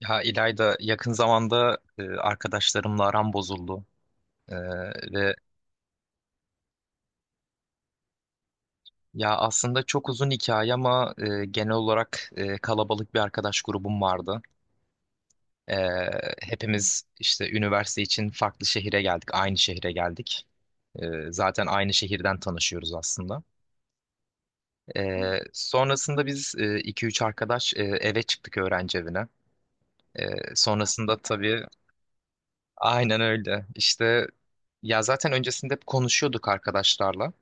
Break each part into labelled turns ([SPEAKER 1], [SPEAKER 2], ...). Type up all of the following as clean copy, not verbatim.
[SPEAKER 1] Ya İlayda yakın zamanda arkadaşlarımla aram bozuldu. E, ve Ya aslında çok uzun hikaye ama genel olarak kalabalık bir arkadaş grubum vardı. E, Hepimiz işte üniversite için aynı şehre geldik. Zaten aynı şehirden tanışıyoruz aslında. Sonrasında biz iki üç arkadaş eve çıktık, öğrenci evine. Sonrasında tabii aynen öyle. İşte ya zaten öncesinde hep konuşuyorduk arkadaşlarla.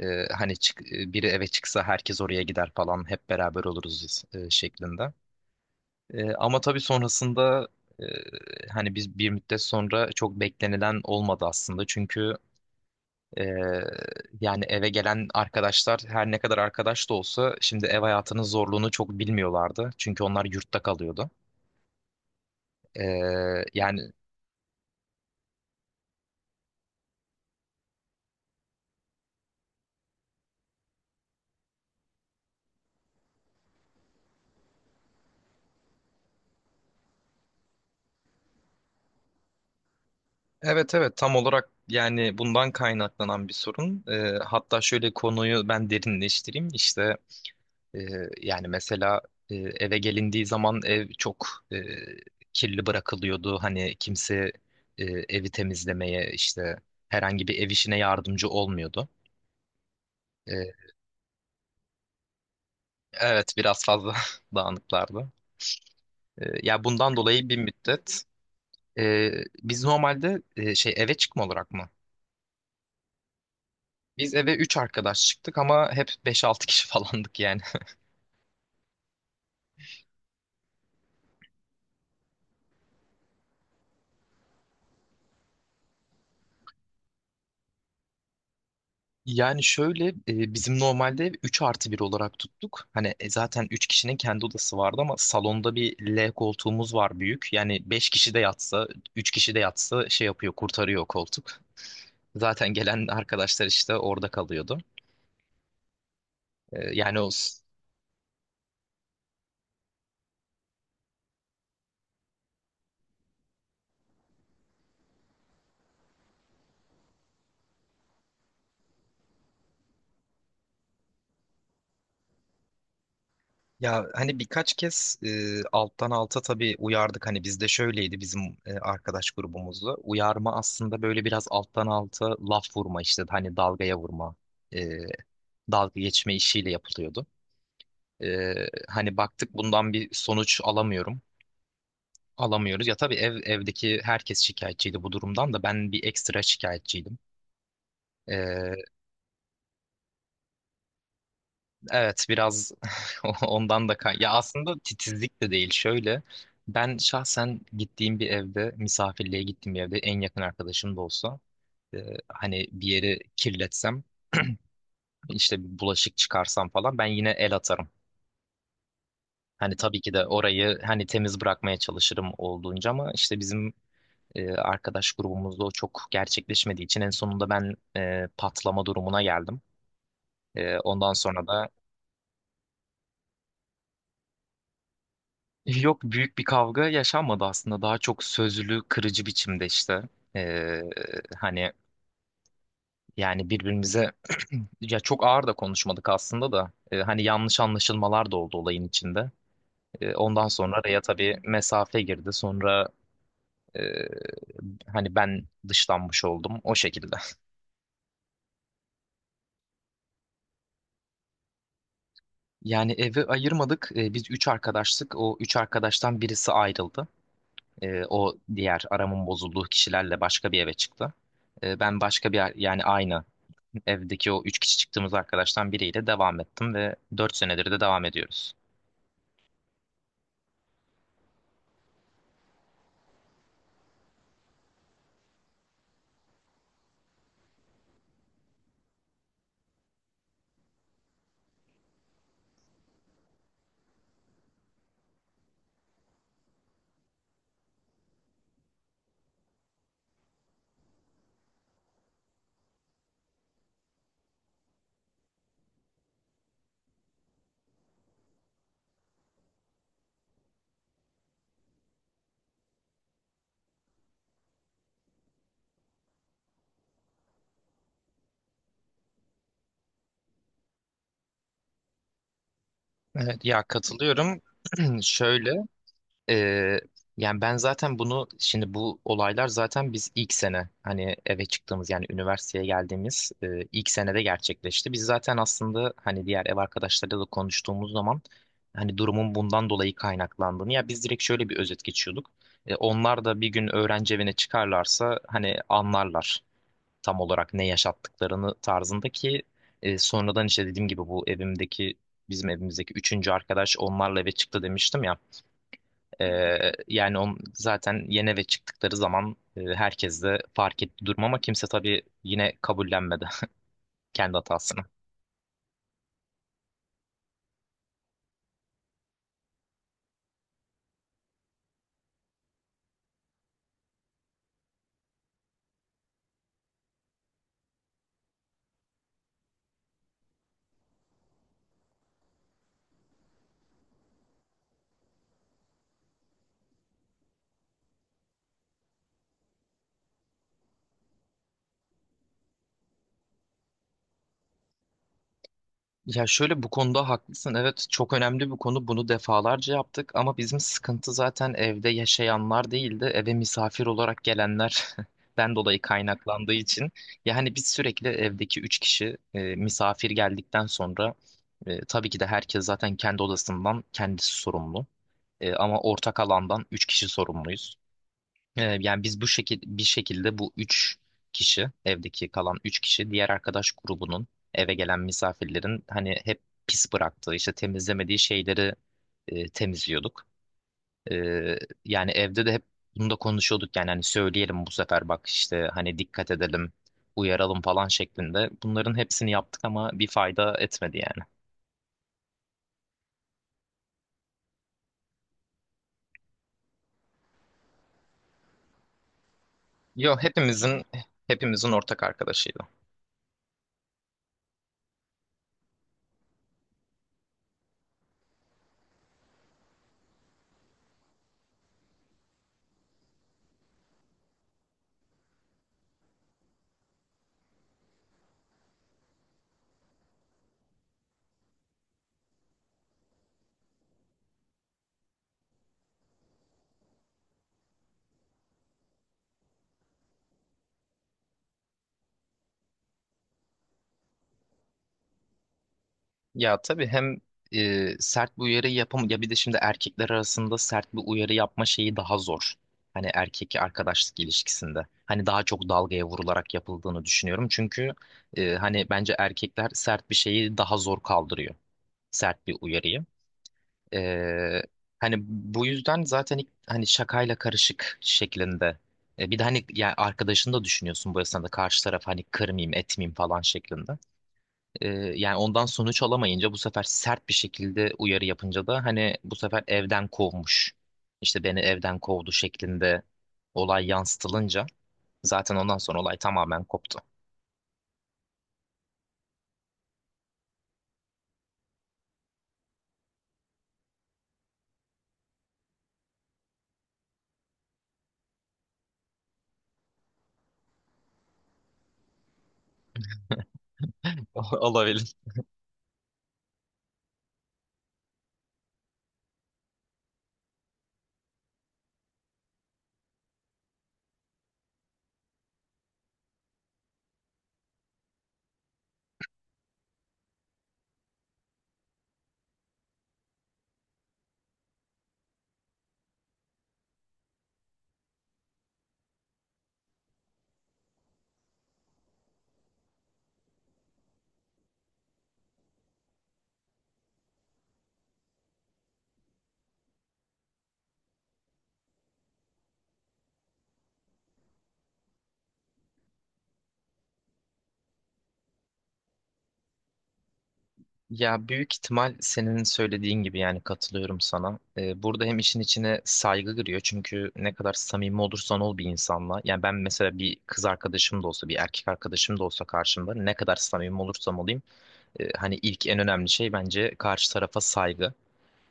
[SPEAKER 1] Hani biri eve çıksa herkes oraya gider falan, hep beraber oluruz biz, şeklinde. Ama tabii sonrasında e, hani biz bir müddet sonra çok beklenilen olmadı aslında. Çünkü e, yani eve gelen arkadaşlar her ne kadar arkadaş da olsa şimdi ev hayatının zorluğunu çok bilmiyorlardı. Çünkü onlar yurtta kalıyordu. E, Yani evet evet, tam olarak yani bundan kaynaklanan bir sorun. Hatta şöyle, konuyu ben derinleştireyim. İşte Ee, yani mesela eve gelindiği zaman ev çok e, kirli bırakılıyordu. Hani kimse evi temizlemeye, işte herhangi bir ev işine yardımcı olmuyordu. Ee, evet, biraz fazla dağınıklardı. Ya bundan dolayı bir müddet e, biz normalde eve çıkma olarak mı? Biz eve 3 arkadaş çıktık ama hep beş altı kişi falandık yani. Yani şöyle bizim normalde 3 artı bir olarak tuttuk. Hani zaten 3 kişinin kendi odası vardı ama salonda bir L koltuğumuz var, büyük. Yani 5 kişi de yatsa, 3 kişi de yatsa şey yapıyor, kurtarıyor o koltuk. Zaten gelen arkadaşlar işte orada kalıyordu. Yani o ya hani birkaç kez alttan alta tabii uyardık. Hani bizde şöyleydi, bizim arkadaş grubumuzda. Uyarma aslında böyle biraz alttan alta laf vurma, işte hani dalgaya vurma, e, dalga geçme işiyle yapılıyordu. Ee, Hani baktık bundan bir sonuç alamıyorum. Alamıyoruz. Ya tabii evdeki herkes şikayetçiydi bu durumdan, da ben bir ekstra şikayetçiydim. Ee, evet biraz ya aslında titizlik de değil şöyle. Ben şahsen gittiğim bir evde, misafirliğe gittiğim bir evde en yakın arkadaşım da olsa e, hani bir yeri kirletsem, işte bir bulaşık çıkarsam falan ben yine el atarım. Hani tabii ki de orayı hani temiz bırakmaya çalışırım olduğunca, ama işte bizim arkadaş grubumuzda o çok gerçekleşmediği için en sonunda ben patlama durumuna geldim. Ondan sonra da yok, büyük bir kavga yaşanmadı aslında. Daha çok sözlü, kırıcı biçimde işte. E, hani Birbirimize ya çok ağır da konuşmadık aslında da. Hani yanlış anlaşılmalar da oldu olayın içinde. Ondan sonra araya tabii mesafe girdi. Sonra e, hani ben dışlanmış oldum o şekilde. Yani evi ayırmadık. Biz üç arkadaştık. O üç arkadaştan birisi ayrıldı. O diğer aramın bozulduğu kişilerle başka bir eve çıktı. Ben başka bir, yani aynı evdeki o üç kişi çıktığımız arkadaştan biriyle devam ettim ve dört senedir de devam ediyoruz. Evet, ya katılıyorum. Şöyle Ee, yani ben zaten bunu, şimdi bu olaylar zaten biz ilk sene, hani eve çıktığımız, yani üniversiteye geldiğimiz ilk senede gerçekleşti. Biz zaten aslında hani diğer ev arkadaşlarıyla da konuştuğumuz zaman hani durumun bundan dolayı kaynaklandığını, ya biz direkt şöyle bir özet geçiyorduk. Onlar da bir gün öğrenci evine çıkarlarsa hani anlarlar tam olarak ne yaşattıklarını tarzındaki sonradan işte dediğim gibi bu evimdeki bizim evimizdeki üçüncü arkadaş onlarla eve çıktı demiştim ya. Yani zaten yeni eve çıktıkları zaman herkes de fark etti durum, ama kimse tabii yine kabullenmedi kendi hatasını. Ya şöyle, bu konuda haklısın. Evet, çok önemli bir konu. Bunu defalarca yaptık ama bizim sıkıntı zaten evde yaşayanlar değildi. Eve misafir olarak gelenler ben dolayı kaynaklandığı için. Yani biz sürekli evdeki üç kişi misafir geldikten sonra, tabii ki de herkes zaten kendi odasından kendisi sorumlu. Ama ortak alandan üç kişi sorumluyuz. Yani biz bu şekil bir şekilde bu üç kişi evdeki kalan üç kişi, diğer arkadaş grubunun eve gelen misafirlerin hani hep pis bıraktığı, işte temizlemediği şeyleri temizliyorduk. Ee, Yani evde de hep bunu da konuşuyorduk yani, hani söyleyelim bu sefer bak, işte hani dikkat edelim, uyaralım falan şeklinde. Bunların hepsini yaptık ama bir fayda etmedi yani. Yo, hepimizin ortak arkadaşıydı. Ya tabii hem sert bir uyarı yapam, ya bir de şimdi erkekler arasında sert bir uyarı yapma şeyi daha zor. Hani erkek arkadaşlık ilişkisinde. Hani daha çok dalgaya vurularak yapıldığını düşünüyorum. Çünkü hani bence erkekler sert bir şeyi daha zor kaldırıyor. Sert bir uyarıyı. E, Hani bu yüzden zaten ilk, hani şakayla karışık şeklinde. Bir de hani ya arkadaşını da düşünüyorsun bu esnada, karşı taraf hani kırmayayım etmeyeyim falan şeklinde. Ee, Yani ondan sonuç alamayınca bu sefer sert bir şekilde uyarı yapınca da hani bu sefer evden kovmuş. İşte beni evden kovdu şeklinde olay yansıtılınca zaten ondan sonra olay tamamen koptu. Olabilir. Ya büyük ihtimal senin söylediğin gibi, yani katılıyorum sana. Burada hem işin içine saygı giriyor, çünkü ne kadar samimi olursan ol bir insanla. Yani ben mesela bir kız arkadaşım da olsa bir erkek arkadaşım da olsa karşımda ne kadar samimi olursam olayım hani ilk en önemli şey bence karşı tarafa saygı.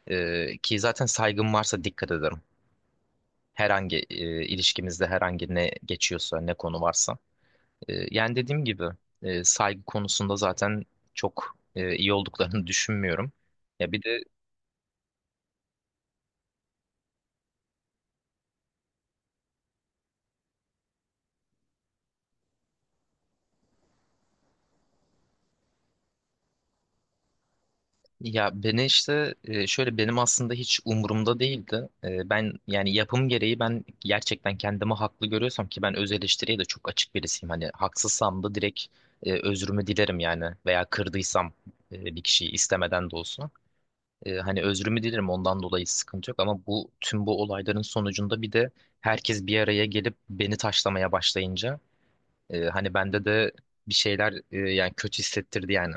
[SPEAKER 1] Ki zaten saygım varsa dikkat ederim. Herhangi ilişkimizde herhangi ne geçiyorsa, ne konu varsa. Yani dediğim gibi saygı konusunda zaten çok iyi olduklarını düşünmüyorum. Ya bir de Ya beni işte şöyle, benim aslında hiç umurumda değildi. Ben yani yapım gereği ben gerçekten kendimi haklı görüyorsam, ki ben öz eleştiriye de çok açık birisiyim. Hani haksızsam da direkt özrümü dilerim yani, veya kırdıysam bir kişiyi istemeden de olsa. Hani özrümü dilerim, ondan dolayı sıkıntı yok, ama bu tüm bu olayların sonucunda bir de herkes bir araya gelip beni taşlamaya başlayınca hani bende de bir şeyler yani kötü hissettirdi yani.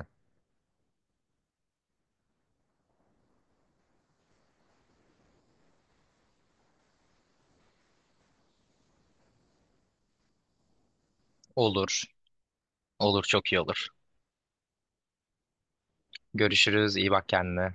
[SPEAKER 1] Olur, olur, çok iyi olur. Görüşürüz. İyi bak kendine.